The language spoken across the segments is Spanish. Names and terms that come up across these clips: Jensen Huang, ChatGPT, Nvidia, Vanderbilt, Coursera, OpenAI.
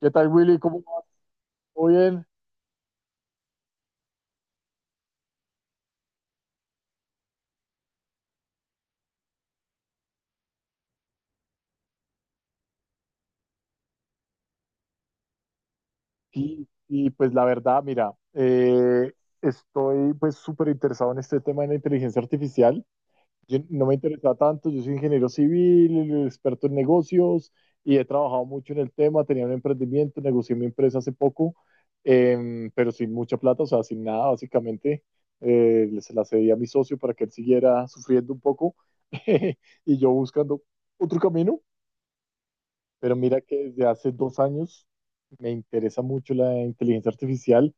¿Qué tal, Willy? ¿Cómo vas? ¿Todo bien? Sí, y pues la verdad, mira, estoy pues súper interesado en este tema de la inteligencia artificial. Yo no me interesa tanto, yo soy ingeniero civil, experto en negocios y he trabajado mucho en el tema, tenía un emprendimiento, negocié mi empresa hace poco, pero sin mucha plata, o sea, sin nada, básicamente. Se la cedí a mi socio para que él siguiera sufriendo un poco y yo buscando otro camino. Pero mira que desde hace 2 años me interesa mucho la inteligencia artificial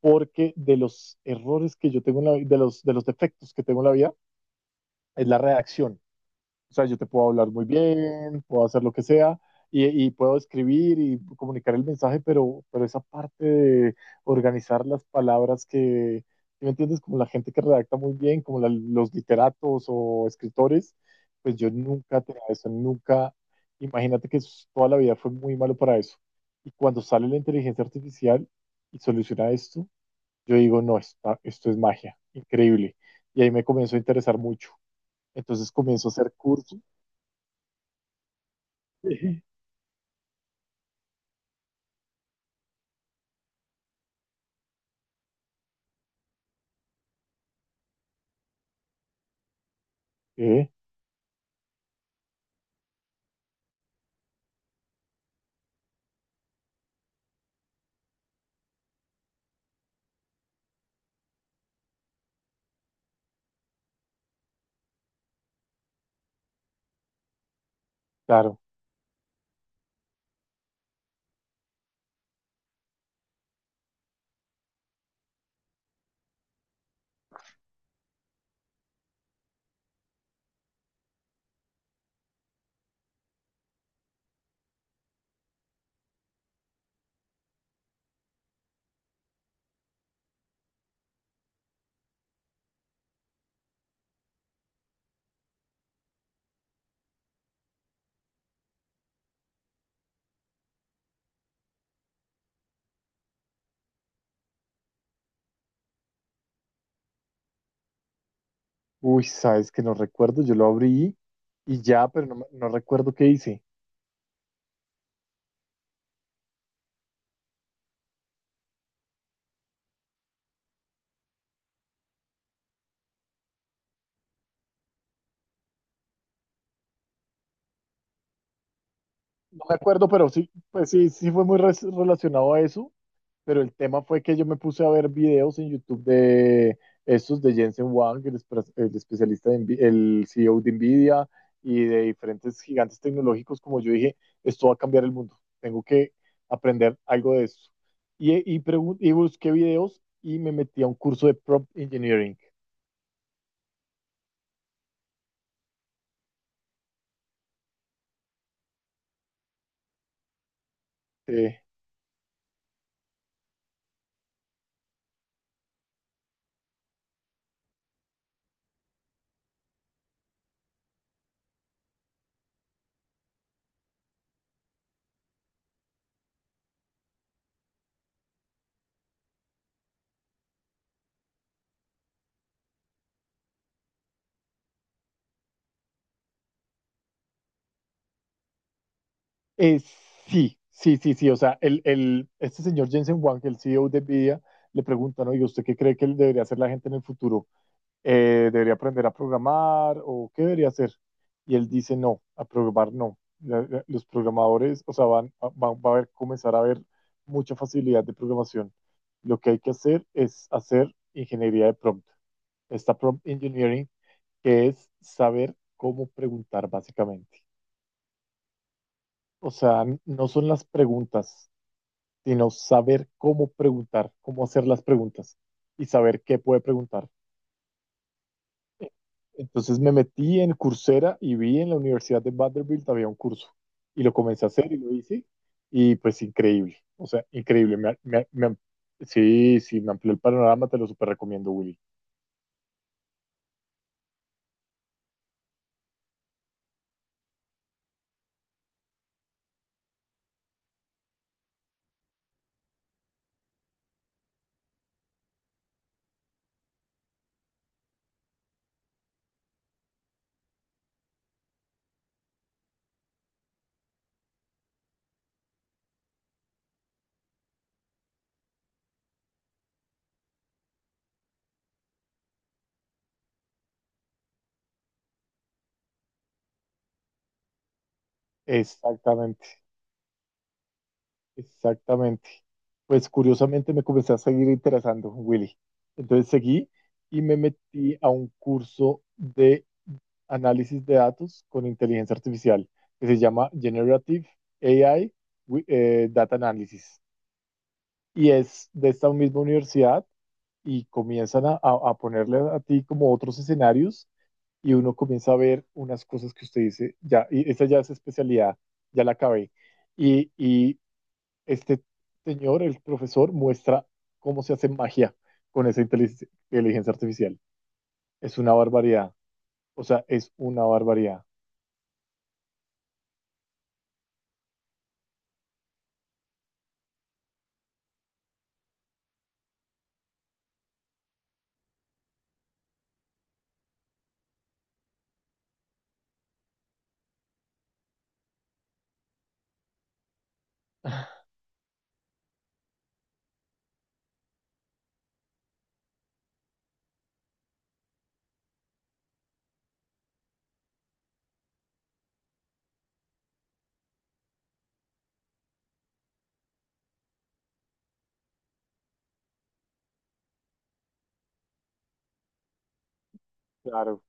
porque de los errores que yo tengo en la de de los defectos que tengo en la vida, es la redacción. O sea, yo te puedo hablar muy bien, puedo hacer lo que sea y puedo escribir y comunicar el mensaje, pero esa parte de organizar las palabras que, ¿sí? ¿Me entiendes? Como la gente que redacta muy bien, como los literatos o escritores, pues yo nunca tenía eso, nunca, imagínate que toda la vida fue muy malo para eso. Y cuando sale la inteligencia artificial y soluciona esto, yo digo, no, esto es magia, increíble. Y ahí me comenzó a interesar mucho. Entonces comienzo a hacer cursos, eh, eh, claro. Uy, sabes que no recuerdo, yo lo abrí y ya, pero no, no recuerdo qué hice. No me acuerdo, pero sí, pues sí, sí fue muy relacionado a eso, pero el tema fue que yo me puse a ver videos en YouTube de estos de Jensen Huang, el, el especialista de el CEO de Nvidia y de diferentes gigantes tecnológicos, como yo dije, esto va a cambiar el mundo, tengo que aprender algo de eso. Y busqué videos y me metí a un curso de prompt engineering. Sí. Eh, sí. O sea, este señor Jensen Huang, el CEO de Nvidia, le pregunta, ¿no? ¿Y usted qué cree que debería hacer la gente en el futuro? ¿Debería aprender a programar o qué debería hacer? Y él dice, no, a programar no. Los programadores, o sea, van, va a haber, comenzar a haber mucha facilidad de programación. Lo que hay que hacer es hacer ingeniería de prompt. Esta prompt engineering, que es saber cómo preguntar básicamente. O sea, no son las preguntas, sino saber cómo preguntar, cómo hacer las preguntas y saber qué puede preguntar. Entonces me metí en Coursera y vi en la Universidad de Vanderbilt había un curso y lo comencé a hacer y lo hice y pues increíble, o sea, increíble. Sí, sí, me amplió el panorama, te lo súper recomiendo, Willy. Exactamente. Exactamente. Pues curiosamente me comencé a seguir interesando, Willy. Entonces seguí y me metí a un curso de análisis de datos con inteligencia artificial que se llama Generative AI Data Analysis. Y es de esta misma universidad y comienzan a, a ponerle a ti como otros escenarios y uno comienza a ver unas cosas que usted dice, ya, y esa ya es especialidad, ya la acabé. Este señor, el profesor, muestra cómo se hace magia con esa inteligencia artificial. Es una barbaridad. O sea, es una barbaridad. Claro.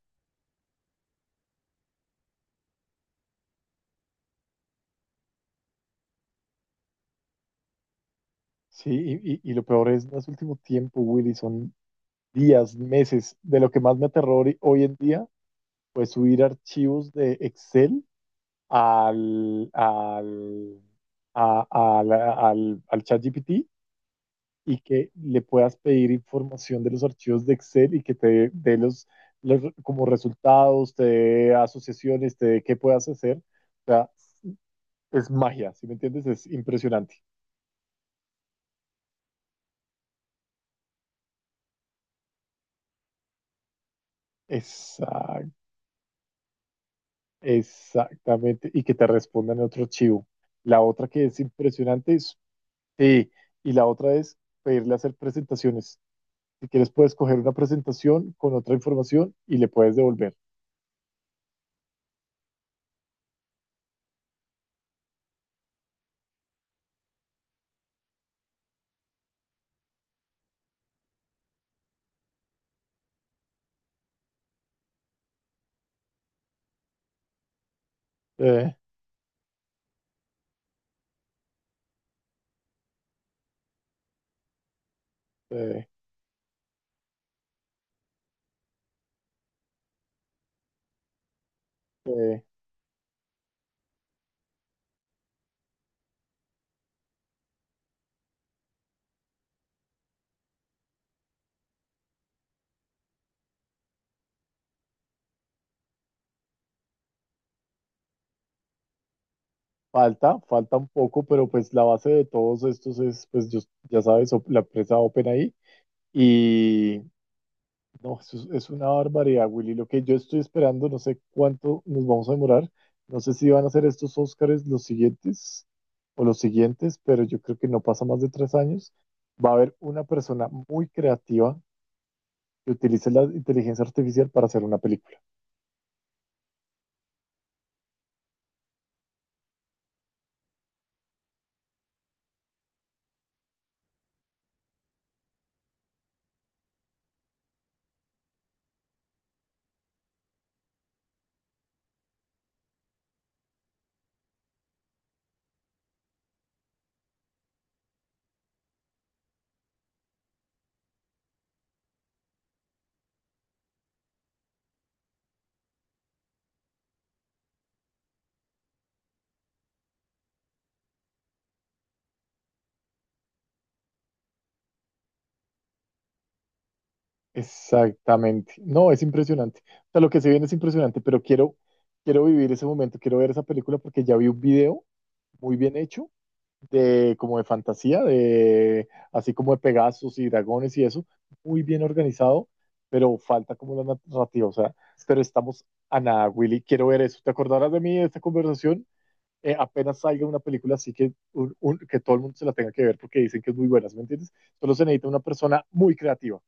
Sí, y lo peor es, no es último tiempo, Willy, son días, meses. De lo que más me aterrori hoy en día pues subir archivos de Excel al, al, a- a la- al, al ChatGPT y que le puedas pedir información de los archivos de Excel y que te dé los, como resultados, te dé asociaciones, te dé qué puedas hacer. O sea, es magia, ¿si me entiendes? Es impresionante. Exac- exactamente. Y que te respondan en otro archivo. La otra que es impresionante es, sí, y la otra es pedirle hacer presentaciones. Si quieres, puedes coger una presentación con otra información y le puedes devolver. Eh, eh, eh. Falta, falta un poco, pero pues la base de todos estos es, ya sabes, la empresa OpenAI. Y no, eso es una barbaridad, Willy. Lo que yo estoy esperando, no sé cuánto nos vamos a demorar. No sé si van a ser estos Óscares los siguientes o los siguientes, pero yo creo que no pasa más de 3 años. Va a haber una persona muy creativa que utilice la inteligencia artificial para hacer una película. Exactamente. No, es impresionante. O sea, lo que se viene es impresionante, pero quiero, quiero vivir ese momento, quiero ver esa película porque ya vi un video muy bien hecho de como de fantasía, de así como de Pegasos y dragones y eso, muy bien organizado, pero falta como la narrativa, o sea, pero estamos a nada, Willy, quiero ver eso. ¿Te acordarás de mí de esta conversación? Apenas salga una película así que, que todo el mundo se la tenga que ver porque dicen que es muy buena, ¿sí? ¿Me entiendes? Solo se necesita una persona muy creativa.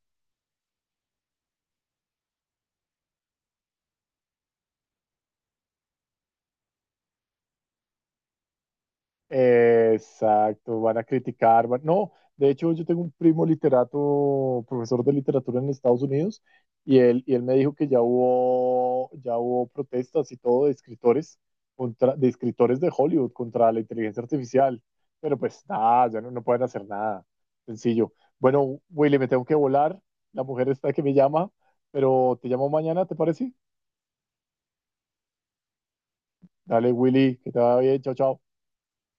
Exacto, van a criticar, no, de hecho yo tengo un primo literato, profesor de literatura en Estados Unidos, y él me dijo que ya hubo protestas y todo de escritores, contra, de escritores de Hollywood contra la inteligencia artificial, pero pues nada, ya no, no pueden hacer nada, sencillo. Bueno, Willy, me tengo que volar, la mujer está que me llama, pero te llamo mañana, ¿te parece? Dale, Willy, que te vaya bien, chao, chao.